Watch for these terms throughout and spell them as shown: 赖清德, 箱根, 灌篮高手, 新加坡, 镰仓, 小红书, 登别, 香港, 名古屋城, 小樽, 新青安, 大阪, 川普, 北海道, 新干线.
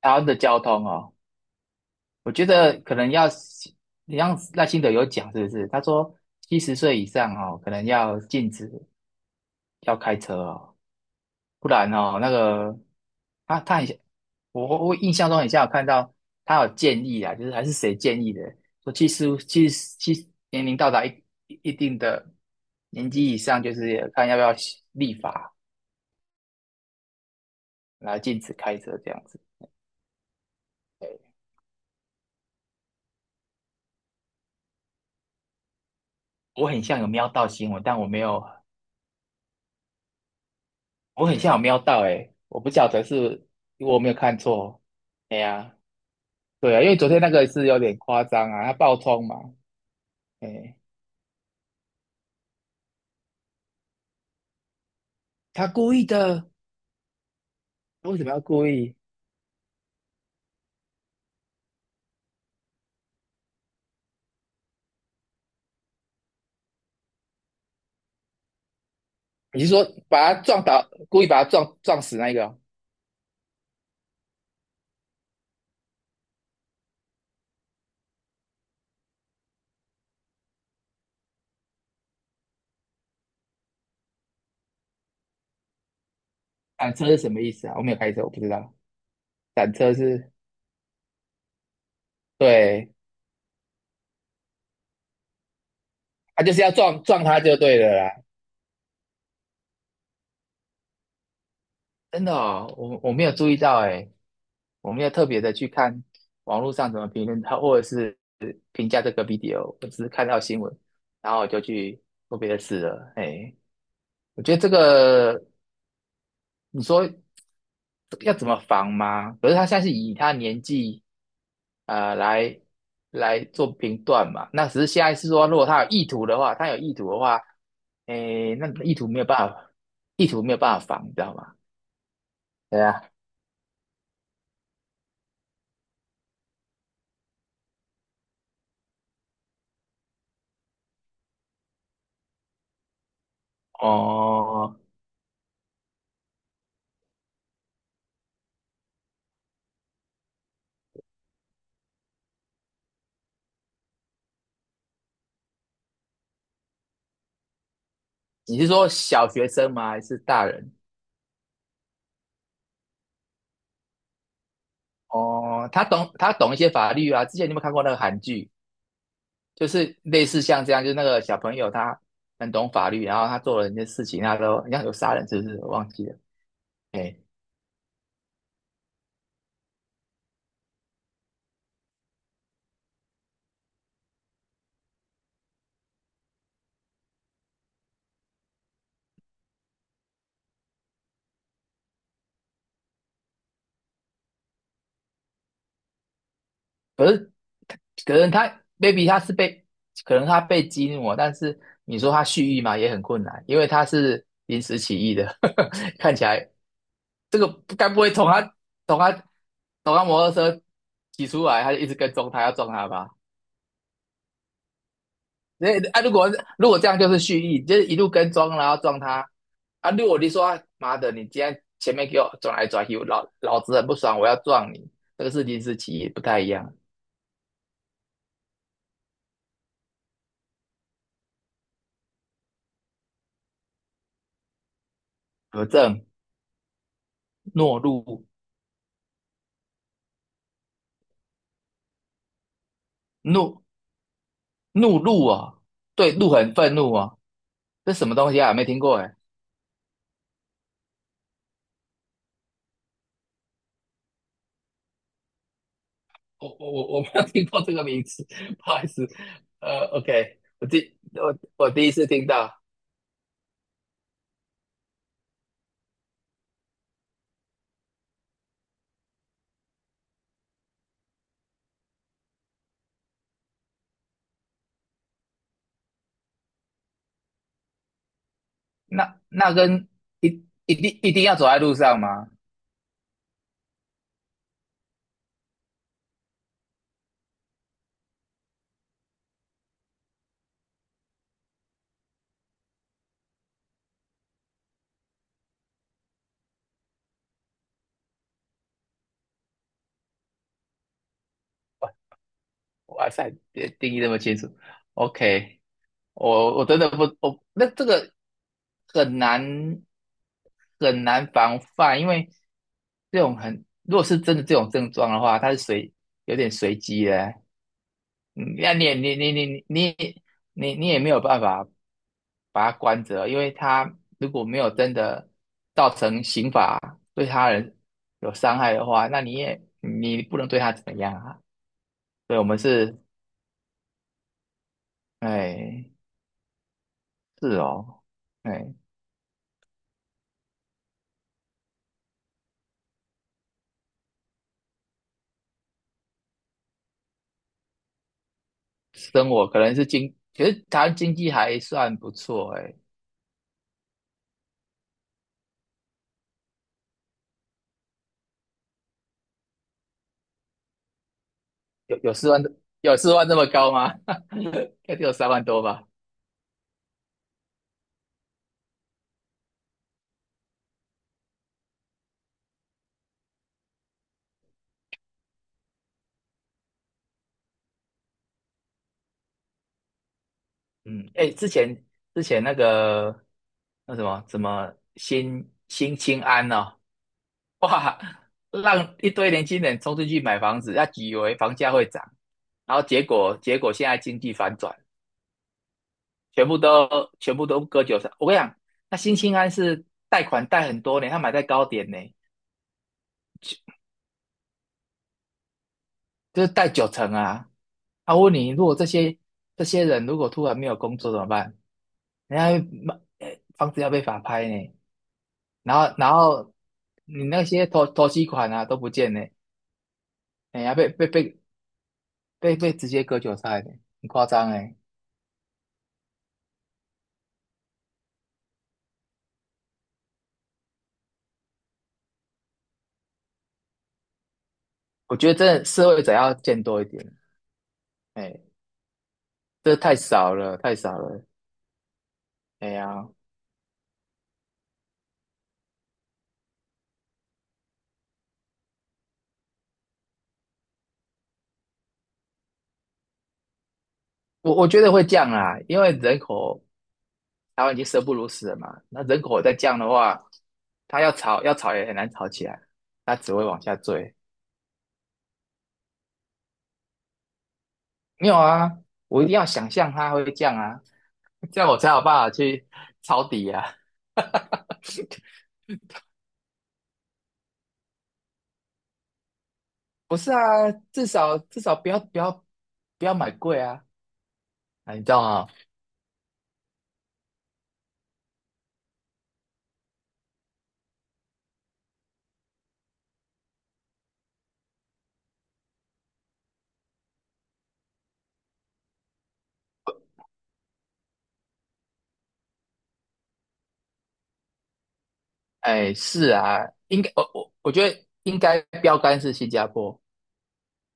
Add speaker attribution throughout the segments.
Speaker 1: 台湾的交通哦，我觉得可能要你像赖清德有讲，是不是？他说70岁以上哦，可能要禁止要开车哦，不然哦，那个他很像我印象中很像有看到他有建议啊，就是还是谁建议的，说七十年龄到达一定的年纪以上，就是看要不要立法来禁止开车这样子。我很像有瞄到新闻，但我没有我很像有瞄到诶，我不晓得是我没有看错。哎呀，对啊，因为昨天那个是有点夸张啊，他爆冲嘛，哎，他故意的，为什么要故意？你是说把他撞倒，故意把他撞死那个哦，铲车是什么意思啊？我没有开车，我不知道。铲车是，对，他就是要撞他就对了啦。真的哦，我没有注意到诶，我没有特别的去看网络上怎么评论他，或者是评价这个 video,我只是看到新闻，然后我就去做别的事了。哎。我觉得这个你说要怎么防吗？可是他现在是以他年纪来来做评断嘛，那只是现在是说，如果他有意图的话，他有意图的话，哎，那意图没有办法，意图没有办法防，你知道吗？对啊。哦，你是说小学生吗？还是大人？哦，他懂一些法律啊。之前你有没有看过那个韩剧？就是类似像这样，就是那个小朋友他很懂法律，然后他做了一些事情，他都好像有杀人，是不是？我忘记了。哎，可能他 b a b y 他是被，可能他被激怒了，但是你说他蓄意嘛，也很困难，因为他是临时起意的，看起来这个该不会从他从他从他摩托车骑出来，他就一直跟踪他，要撞他吧？那啊，如果如果这样就是蓄意，就是一路跟踪，然后撞他啊。如果你说啊妈的，你今天前面给我转来转去，我老子很不爽，我要撞你，这个事情是其一，不太一样。何正懦怒怒啊，对，怒很愤怒啊，这什么东西啊？没听过哎，我没有听过这个名词，不好意思。OK,我第一次听到，那那跟一一定一定要走在路上吗？哇塞，别定义那么清楚。OK,我我真的不，我那这个很难很难防范，因为这种很，如果是真的这种症状的话，它是随有点随机的。嗯那你也你你你也没有办法把它关着，因为他如果没有真的造成刑法对他人有伤害的话，那你也你不能对他怎么样啊。所以我们是哎。是哦，哎，生活可能是经，其是台湾经济还算不错，哎，有四万，有四万这么高吗？应该只有3万多吧。嗯，哎，之前那个那什么新青安哦，哇，让一堆年轻人冲进去买房子，他以为房价会涨，然后结果现在经济反转，全部都全部都割韭菜。我跟你讲，那新青安是贷款贷很多年，他买在高点呢。就是贷9成啊。他问你，如果这些人如果突然没有工作怎么办？人家卖呃房子要被法拍呢，然后你那些投投期款啊都不见呢，人家被直接割韭菜呢，很夸张哎。我觉得真的社会者要见多一点，哎，这太少了，太少了，哎呀，我觉得会降啊，因为人口台湾已经生不如死了嘛，那人口再降的话，它要吵要吵也很难吵起来，它只会往下坠。没有啊，我一定要想象它会降啊，这样我才有办法去抄底啊。不是啊，至少至少不要不要买贵啊，啊，你知道吗？哎，是啊，应该我觉得应该标杆是新加坡，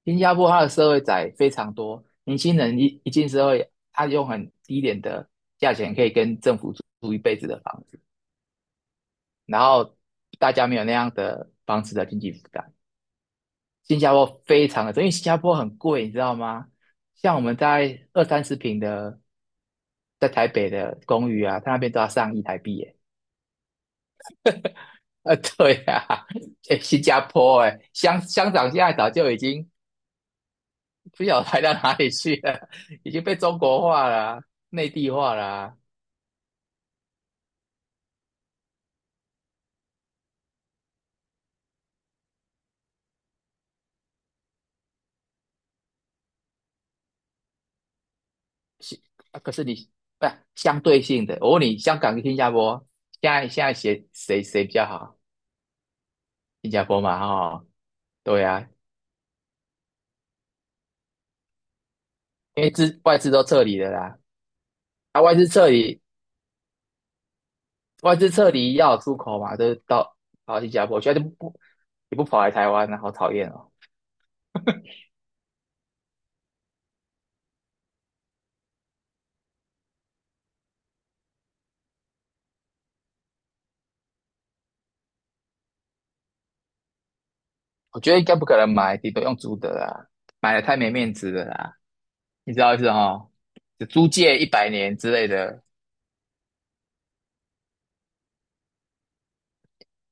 Speaker 1: 新加坡它的社会仔非常多，年轻人一进社会，他用很低廉的价钱可以跟政府租一辈子的房子，然后大家没有那样的房子的经济负担。新加坡非常的多因为新加坡很贵，你知道吗？像我们在二三十平的，在台北的公寓啊，它那边都要上亿台币耶。啊，对啊，哎，新加坡哎，乡长现在早就已经不晓得抬到哪里去了，已经被中国化了啊，内地化了啊，是啊可是你不是相对性的，我问你，香港跟新加坡现在谁比较好？新加坡嘛，哦，对啊，因为资外资都撤离了啦，啊，外资撤离，外资撤离要有出口嘛，都到跑到新加坡去，现在就不不也不跑来台湾了，好讨厌哦。我觉得应该不可能买，你都用租的啦，买了太没面子了啦，你知道意思哦？就租借100年之类的，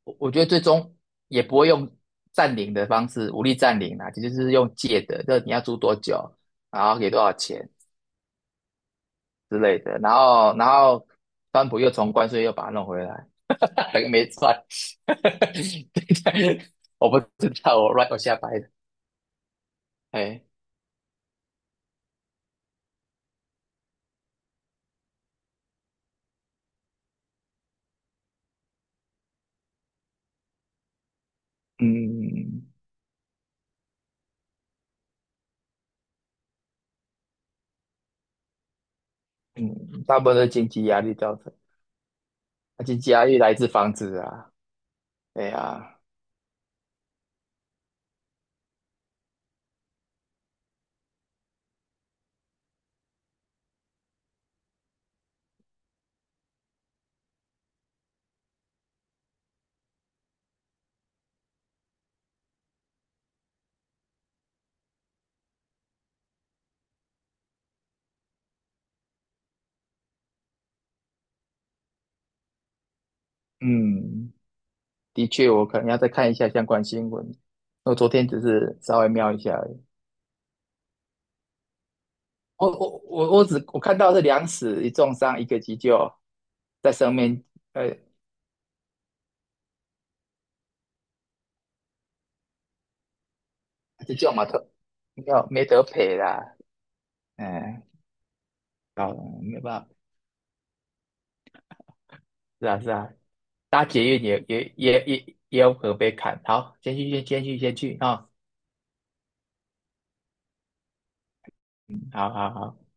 Speaker 1: 我觉得最终也不会用占领的方式，武力占领啦，就是用借的，这你要租多久，然后给多少钱之类的，然后川普又从关税又把它弄回来，等个没赚，我不知道，我乱我瞎掰的，哎，嗯嗯，大部分都是经济压力造成，啊经济压力来自房子啊，对啊，嗯，的确，我可能要再看一下相关新闻，我昨天只是稍微瞄一下而已。我只看到是两死一重伤，一个急救在生命，呃，急救嘛，特没有没得赔啦，嗯，好，没有办法，是啊是啊，搭捷运也有可能被砍，好，先去啊、哦好好好。